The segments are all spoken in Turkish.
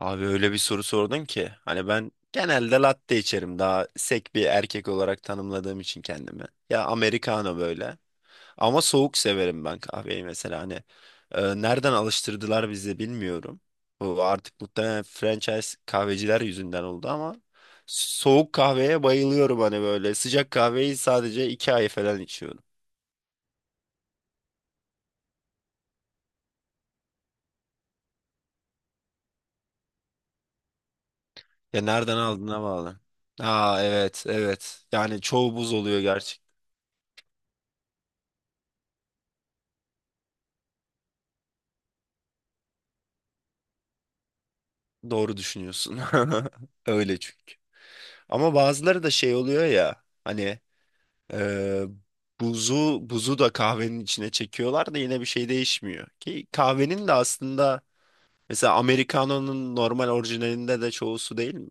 Abi öyle bir soru sordun ki. Hani ben genelde latte içerim. Daha sek bir erkek olarak tanımladığım için kendimi. Ya americano böyle. Ama soğuk severim ben kahveyi mesela. Hani nereden alıştırdılar bizi bilmiyorum. Bu artık muhtemelen franchise kahveciler yüzünden oldu ama soğuk kahveye bayılıyorum hani böyle. Sıcak kahveyi sadece iki ay falan içiyorum. Ya nereden aldığına bağlı. Aa, evet, evet. Yani çoğu buz oluyor. Doğru düşünüyorsun. Öyle çünkü. Ama bazıları da şey oluyor ya hani e, buzu da kahvenin içine çekiyorlar da yine bir şey değişmiyor. Ki kahvenin de aslında mesela Americano'nun normal orijinalinde de çoğu su değil mi?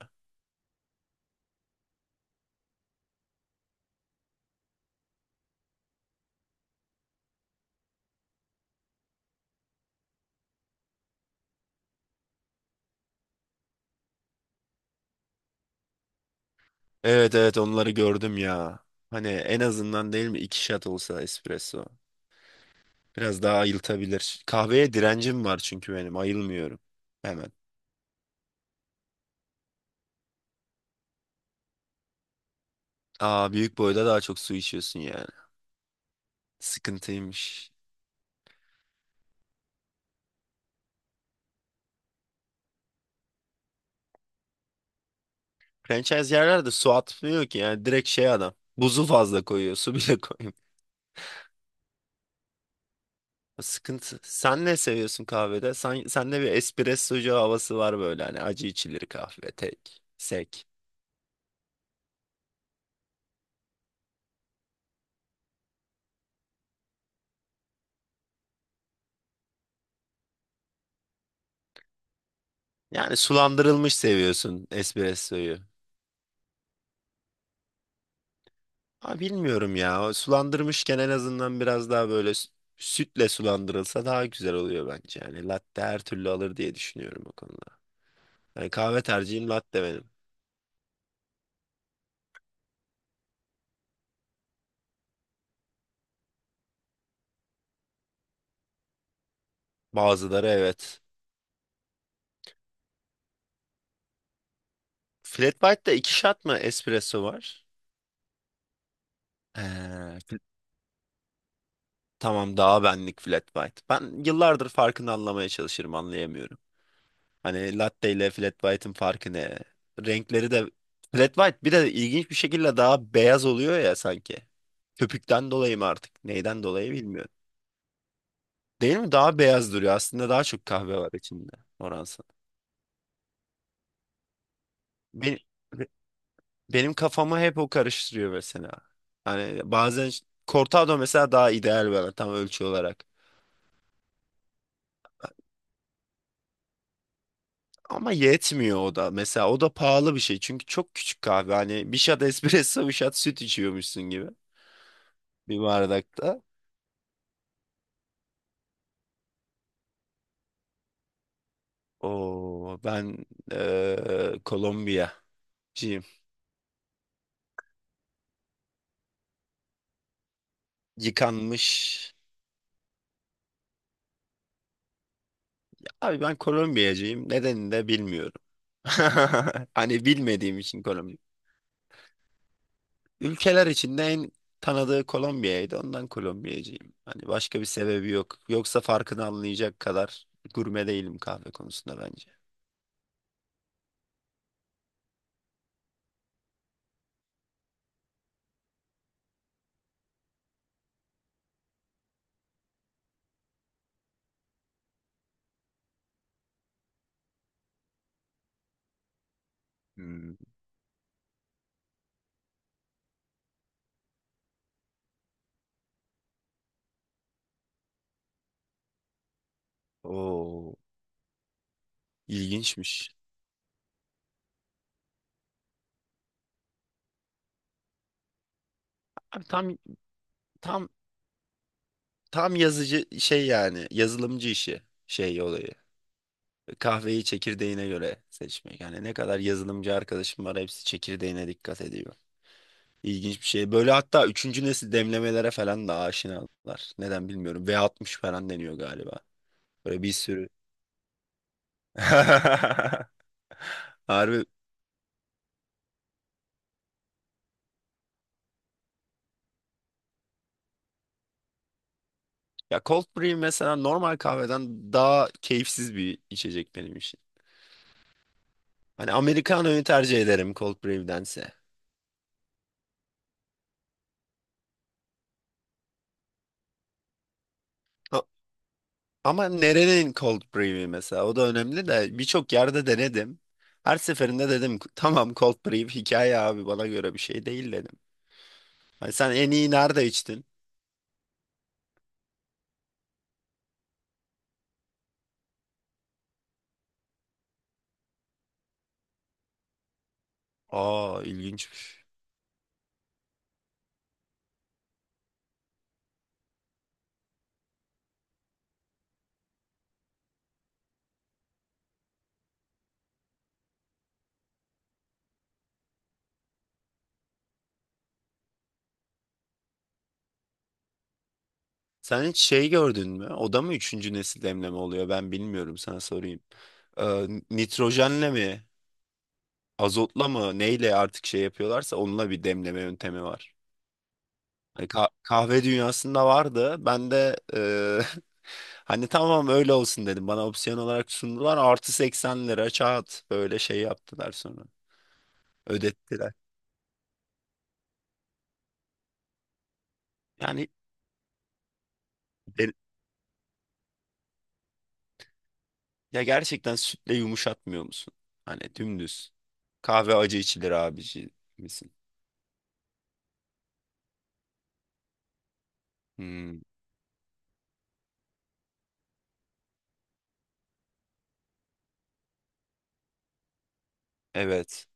Evet, evet, onları gördüm ya. Hani en azından değil mi iki shot olsa espresso. Biraz daha ayıltabilir. Kahveye direncim var çünkü benim ayılmıyorum hemen. Aa, büyük boyda daha çok su içiyorsun yani. Sıkıntıymış. Franchise yerler de su atmıyor ki yani direkt şey adam. Buzu fazla koyuyor, su bile koymuyor. Sıkıntı. Sen ne seviyorsun kahvede? Sen, sende bir espressocu havası var böyle hani acı içilir kahve tek, sek. Yani sulandırılmış seviyorsun espressoyu. Ha, bilmiyorum ya. O sulandırmışken en azından biraz daha böyle sütle sulandırılsa daha güzel oluyor bence. Yani latte her türlü alır diye düşünüyorum o konuda. Yani kahve tercihim latte benim. Bazıları evet. Flat white'da iki shot mı espresso var? Ee, fl- tamam, daha benlik flat white. Ben yıllardır farkını anlamaya çalışırım, anlayamıyorum. Hani latte ile flat white'ın farkı ne? Renkleri de flat white bir de ilginç bir şekilde daha beyaz oluyor ya sanki. Köpükten dolayı mı artık? Neyden dolayı bilmiyorum. Değil mi? Daha beyaz duruyor. Aslında daha çok kahve var içinde, oransal. Benim, benim kafamı hep o karıştırıyor mesela. Hani bazen cortado mesela daha ideal bana tam ölçü olarak. Ama yetmiyor o da. Mesela o da pahalı bir şey. Çünkü çok küçük kahve. Hani bir shot espresso, bir shot süt içiyormuşsun gibi. Bir bardakta. Oo, ben Kolombiyacıyım. Yıkanmış. Abi ben Kolombiyacıyım. Nedenini de bilmiyorum. Hani bilmediğim için Kolombiya. Ülkeler içinde en tanıdığı Kolombiya'ydı. Ondan Kolombiyacıyım. Hani başka bir sebebi yok. Yoksa farkını anlayacak kadar gurme değilim kahve konusunda bence. Hmm. Oo. İlginçmiş. Abi tam tam tam yazıcı şey yani yazılımcı işi şey olayı. Kahveyi çekirdeğine göre seçmek. Yani ne kadar yazılımcı arkadaşım var hepsi çekirdeğine dikkat ediyor. İlginç bir şey. Böyle hatta üçüncü nesil demlemelere falan da aşinalar. Neden bilmiyorum. V60 falan deniyor galiba. Böyle bir sürü. Harbi. Ya cold brew mesela normal kahveden daha keyifsiz bir içecek benim için. Hani Americano'yu tercih ederim cold brew'dense. Ama nerenin cold brew'i mesela o da önemli de birçok yerde denedim. Her seferinde dedim tamam, cold brew hikaye abi, bana göre bir şey değil dedim. Hani sen en iyi nerede içtin? Aa, ilginçmiş. Sen hiç şey gördün mü? O da mı üçüncü nesil demleme oluyor? Ben bilmiyorum, sana sorayım. Nitrojenle mi? Azotla mı? Neyle artık şey yapıyorlarsa onunla bir demleme yöntemi var. Kahve dünyasında vardı. Ben de hani tamam öyle olsun dedim. Bana opsiyon olarak sundular. Artı 80 lira kağıt böyle şey yaptılar sonra. Ödettiler. Yani de- Ya gerçekten sütle yumuşatmıyor musun? Hani dümdüz. Kahve acı içilir abici misin? Hmm, evet.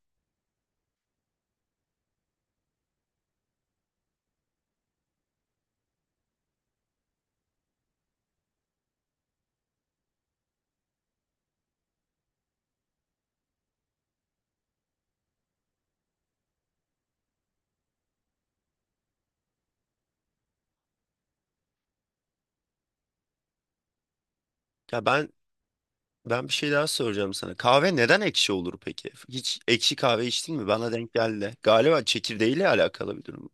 Ya ben Ben bir şey daha soracağım sana. Kahve neden ekşi olur peki? Hiç ekşi kahve içtin mi? Bana denk geldi. Galiba çekirdeğiyle alakalı bir durum.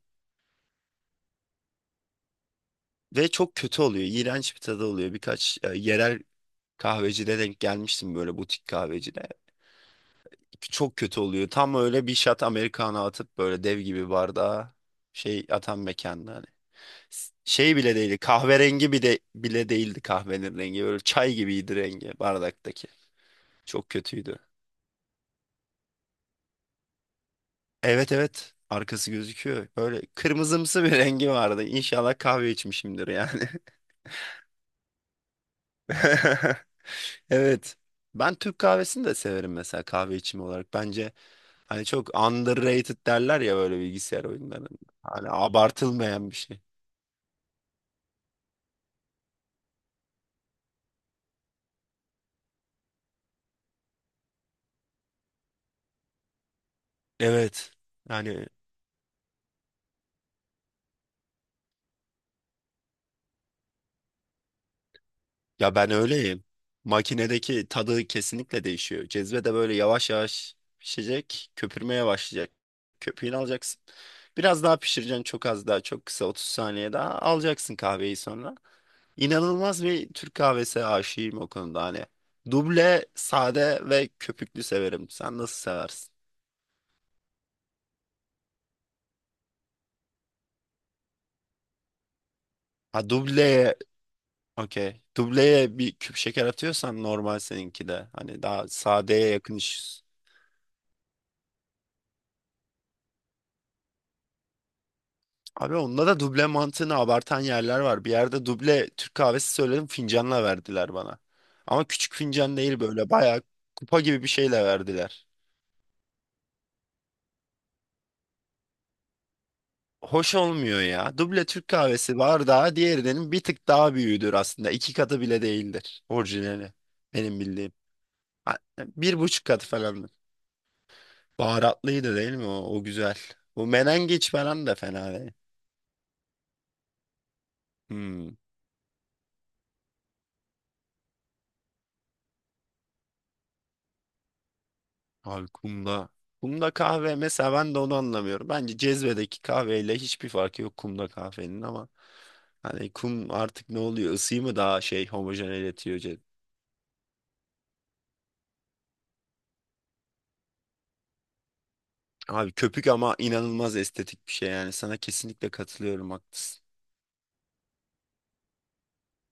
Ve çok kötü oluyor. İğrenç bir tadı oluyor. Birkaç yerel kahvecide denk gelmiştim, böyle butik kahvecide. Çok kötü oluyor. Tam öyle bir shot Americano atıp böyle dev gibi bardağa şey atan mekanda hani. Şey bile değildi. Kahverengi bir de bile değildi kahvenin rengi. Böyle çay gibiydi rengi bardaktaki. Çok kötüydü. Evet, evet. Arkası gözüküyor. Böyle kırmızımsı bir rengi vardı. İnşallah kahve içmişimdir yani. Evet. Ben Türk kahvesini de severim mesela, kahve içimi olarak. Bence hani çok underrated derler ya böyle bilgisayar oyunlarında. Hani abartılmayan bir şey. Evet. Yani ya ben öyleyim. Makinedeki tadı kesinlikle değişiyor. Cezve de böyle yavaş yavaş pişecek, köpürmeye başlayacak. Köpüğünü alacaksın. Biraz daha pişireceksin, çok az daha, çok kısa, 30 saniye daha alacaksın kahveyi sonra. İnanılmaz bir Türk kahvesi aşığıyım o konuda hani. Duble, sade ve köpüklü severim. Sen nasıl seversin? Ha, dubleye, okey. Dubleye bir küp şeker atıyorsan normal seninki de. Hani daha sadeye yakın iş. Abi onda da duble mantığını abartan yerler var. Bir yerde duble Türk kahvesi söyledim, fincanla verdiler bana. Ama küçük fincan değil, böyle bayağı kupa gibi bir şeyle verdiler. Hoş olmuyor ya. Duble Türk kahvesi bardağı diğerinin bir tık daha büyüğüdür aslında. İki katı bile değildir orijinali. Benim bildiğim. Ha, bir buçuk katı falandır. Baharatlıydı değil mi o? O güzel. Bu menengiç falan da fena değil. Hmm. Abi kumda. Kumda kahve mesela, ben de onu anlamıyorum. Bence cezvedeki kahveyle hiçbir farkı yok kumda kahvenin ama hani kum artık ne oluyor? Isıyı mı daha şey homojeneletiyor. Abi köpük ama inanılmaz estetik bir şey yani. Sana kesinlikle katılıyorum, haklısın.